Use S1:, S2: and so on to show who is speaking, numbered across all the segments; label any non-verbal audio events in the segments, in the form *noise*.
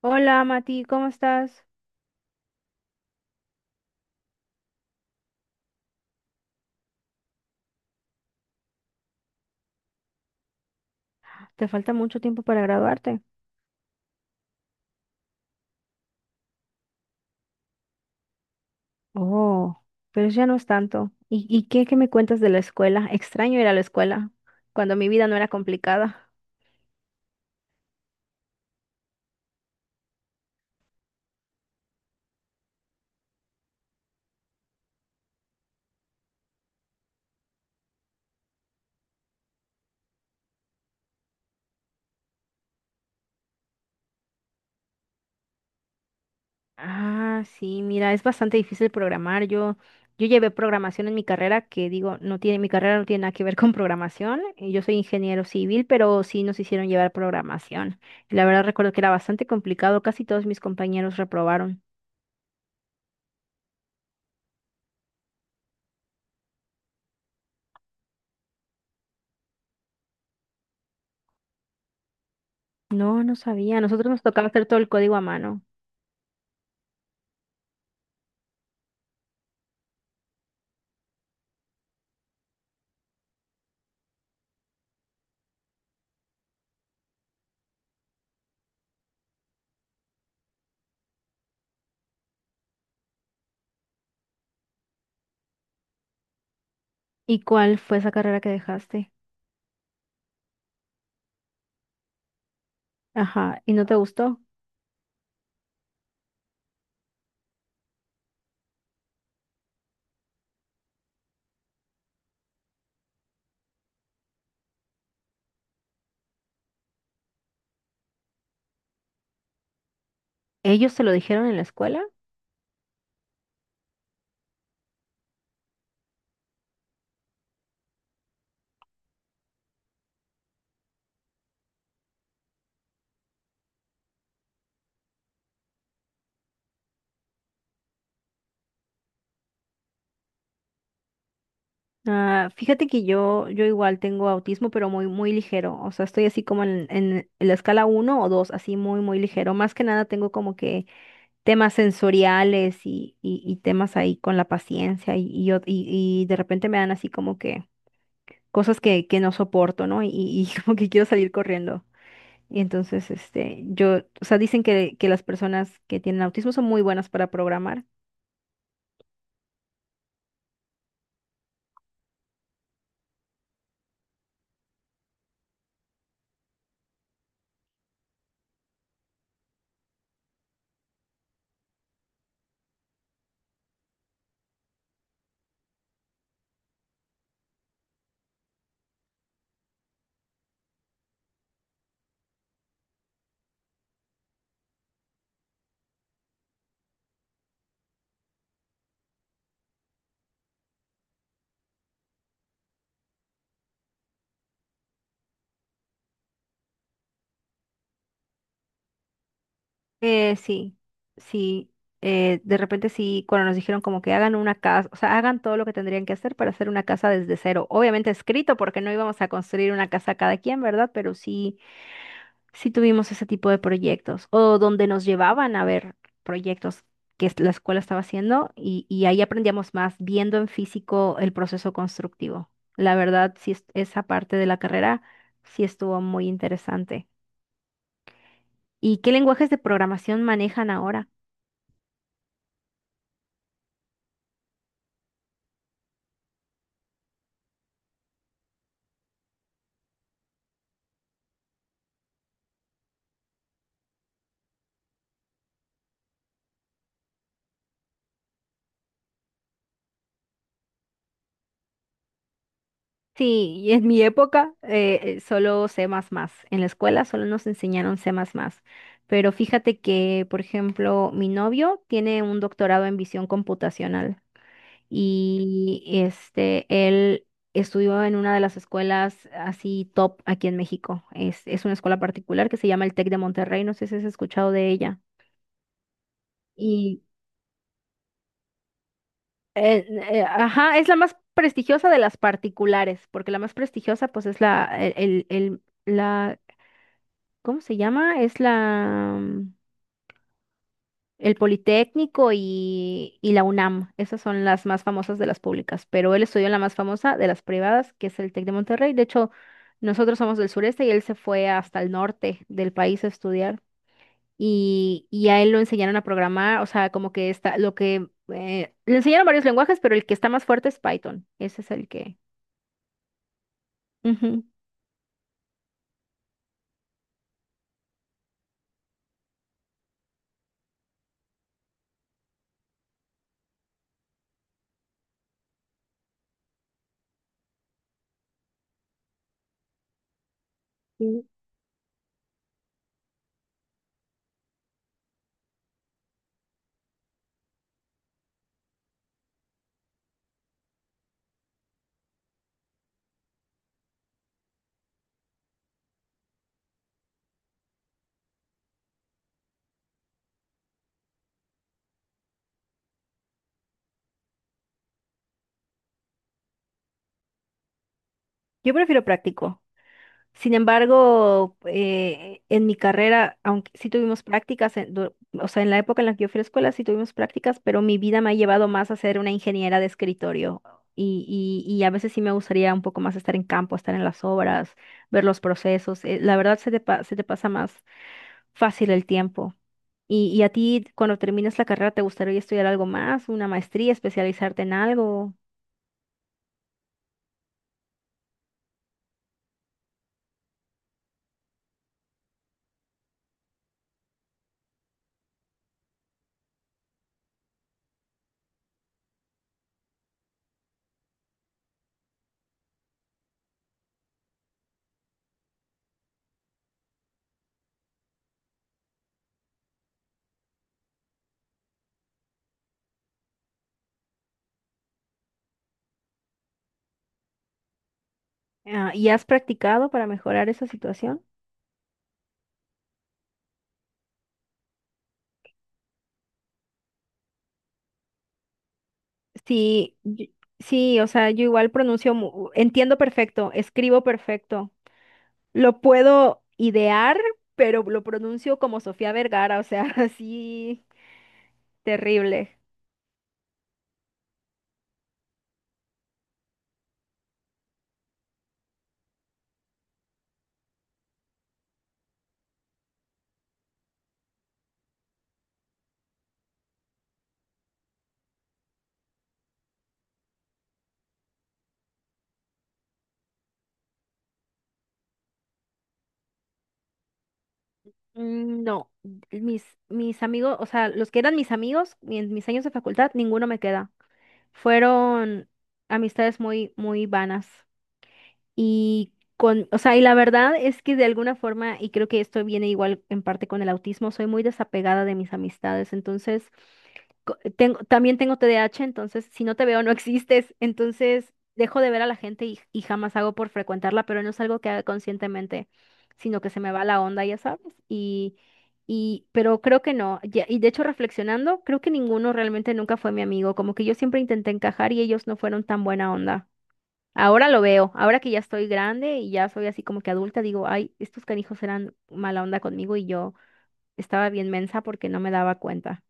S1: Hola Mati, ¿cómo estás? ¿Te falta mucho tiempo para graduarte? Oh, pero ya no es tanto. ¿Y qué me cuentas de la escuela? Extraño ir a la escuela cuando mi vida no era complicada. Ah, sí, mira, es bastante difícil programar. Yo llevé programación en mi carrera, que digo, mi carrera no tiene nada que ver con programación. Y yo soy ingeniero civil, pero sí nos hicieron llevar programación. Y la verdad recuerdo que era bastante complicado, casi todos mis compañeros reprobaron. No, no sabía. A nosotros nos tocaba hacer todo el código a mano. ¿Y cuál fue esa carrera que dejaste? Ajá, ¿y no te gustó? ¿Ellos te lo dijeron en la escuela? Ah, fíjate que yo igual tengo autismo, pero muy, muy ligero. O sea, estoy así como en la escala uno o 2, así muy, muy ligero. Más que nada tengo como que temas sensoriales y temas ahí con la paciencia y de repente me dan así como que cosas que no soporto, ¿no? Y *laughs* como que quiero salir corriendo. Y entonces, este, yo, o sea, dicen que las personas que tienen autismo son muy buenas para programar. Sí, sí. De repente sí, cuando nos dijeron como que hagan una casa, o sea, hagan todo lo que tendrían que hacer para hacer una casa desde cero. Obviamente escrito, porque no íbamos a construir una casa cada quien, ¿verdad? Pero sí, sí tuvimos ese tipo de proyectos. O donde nos llevaban a ver proyectos la escuela estaba haciendo, y ahí aprendíamos más viendo en físico el proceso constructivo. La verdad, sí, esa parte de la carrera sí estuvo muy interesante. ¿Y qué lenguajes de programación manejan ahora? Sí, y en mi época solo C++. En la escuela solo nos enseñaron C++. Pero fíjate que, por ejemplo, mi novio tiene un doctorado en visión computacional, y este, él estudió en una de las escuelas así top aquí en México. Es una escuela particular que se llama el TEC de Monterrey. No sé si has escuchado de ella. Y ajá, es la más prestigiosa de las particulares, porque la más prestigiosa pues es la, el, el- el- la, ¿cómo se llama? Es el Politécnico y la UNAM. Esas son las más famosas de las públicas, pero él estudió en la más famosa de las privadas, que es el TEC de Monterrey. De hecho, nosotros somos del sureste y él se fue hasta el norte del país a estudiar. Y a él lo enseñaron a programar. O sea, como que le enseñaron varios lenguajes, pero el que está más fuerte es Python. Ese es el que... Ujú. Sí. Yo prefiero práctico. Sin embargo, en mi carrera, aunque sí tuvimos prácticas, o sea, en la época en la que yo fui a la escuela sí tuvimos prácticas, pero mi vida me ha llevado más a ser una ingeniera de escritorio. Y a veces sí me gustaría un poco más estar en campo, estar en las obras, ver los procesos. La verdad se te pasa más fácil el tiempo. ¿Y a ti, cuando termines la carrera, te gustaría estudiar algo más, una maestría, especializarte en algo? Ah, ¿y has practicado para mejorar esa situación? Sí, yo- sí, o sea, yo igual pronuncio, entiendo perfecto, escribo perfecto. Lo puedo idear, pero lo pronuncio como Sofía Vergara, o sea, *laughs* así terrible. No, mis amigos, o sea, los que eran mis amigos en mis años de facultad, ninguno me queda. Fueron amistades muy, muy vanas. O sea, y la verdad es que de alguna forma, y creo que esto viene igual en parte con el autismo, soy muy desapegada de mis amistades. Entonces, también tengo TDAH, entonces si no te veo no existes. Entonces dejo de ver a la gente y jamás hago por frecuentarla, pero no es algo que haga conscientemente, sino que se me va la onda, ya sabes. Y, pero creo que no. Y de hecho, reflexionando, creo que ninguno realmente nunca fue mi amigo. Como que yo siempre intenté encajar y ellos no fueron tan buena onda. Ahora lo veo, ahora que ya estoy grande y ya soy así como que adulta, digo, ay, estos canijos eran mala onda conmigo y yo estaba bien mensa porque no me daba cuenta.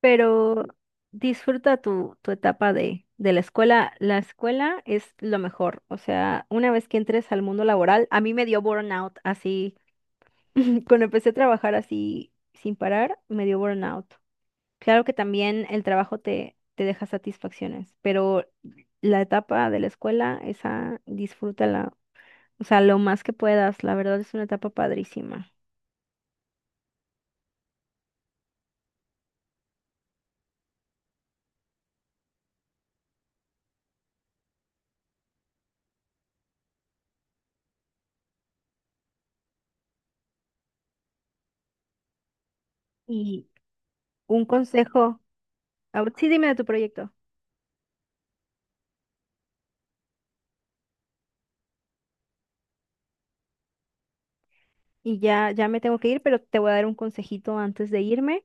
S1: Pero disfruta tu etapa de la escuela. La escuela es lo mejor. O sea, una vez que entres al mundo laboral, a mí me dio burnout así. *laughs* Cuando empecé a trabajar así sin parar, me dio burnout. Claro que también el trabajo te deja satisfacciones, pero la etapa de la escuela, esa disfrútala. O sea, lo más que puedas. La verdad es una etapa padrísima. Y un consejo. Ah, sí, dime de tu proyecto. Y ya, ya me tengo que ir, pero te voy a dar un consejito antes de irme.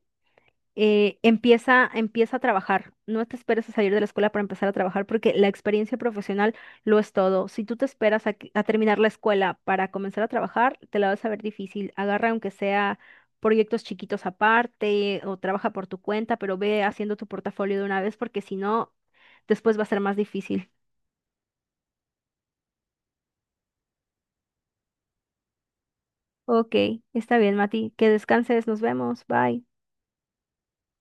S1: Empieza a trabajar. No te esperes a salir de la escuela para empezar a trabajar, porque la experiencia profesional lo es todo. Si tú te esperas a terminar la escuela para comenzar a trabajar, te la vas a ver difícil. Agarra aunque sea proyectos chiquitos aparte o trabaja por tu cuenta, pero ve haciendo tu portafolio de una vez, porque si no, después va a ser más difícil. Ok, está bien, Mati. Que descanses. Nos vemos. Bye.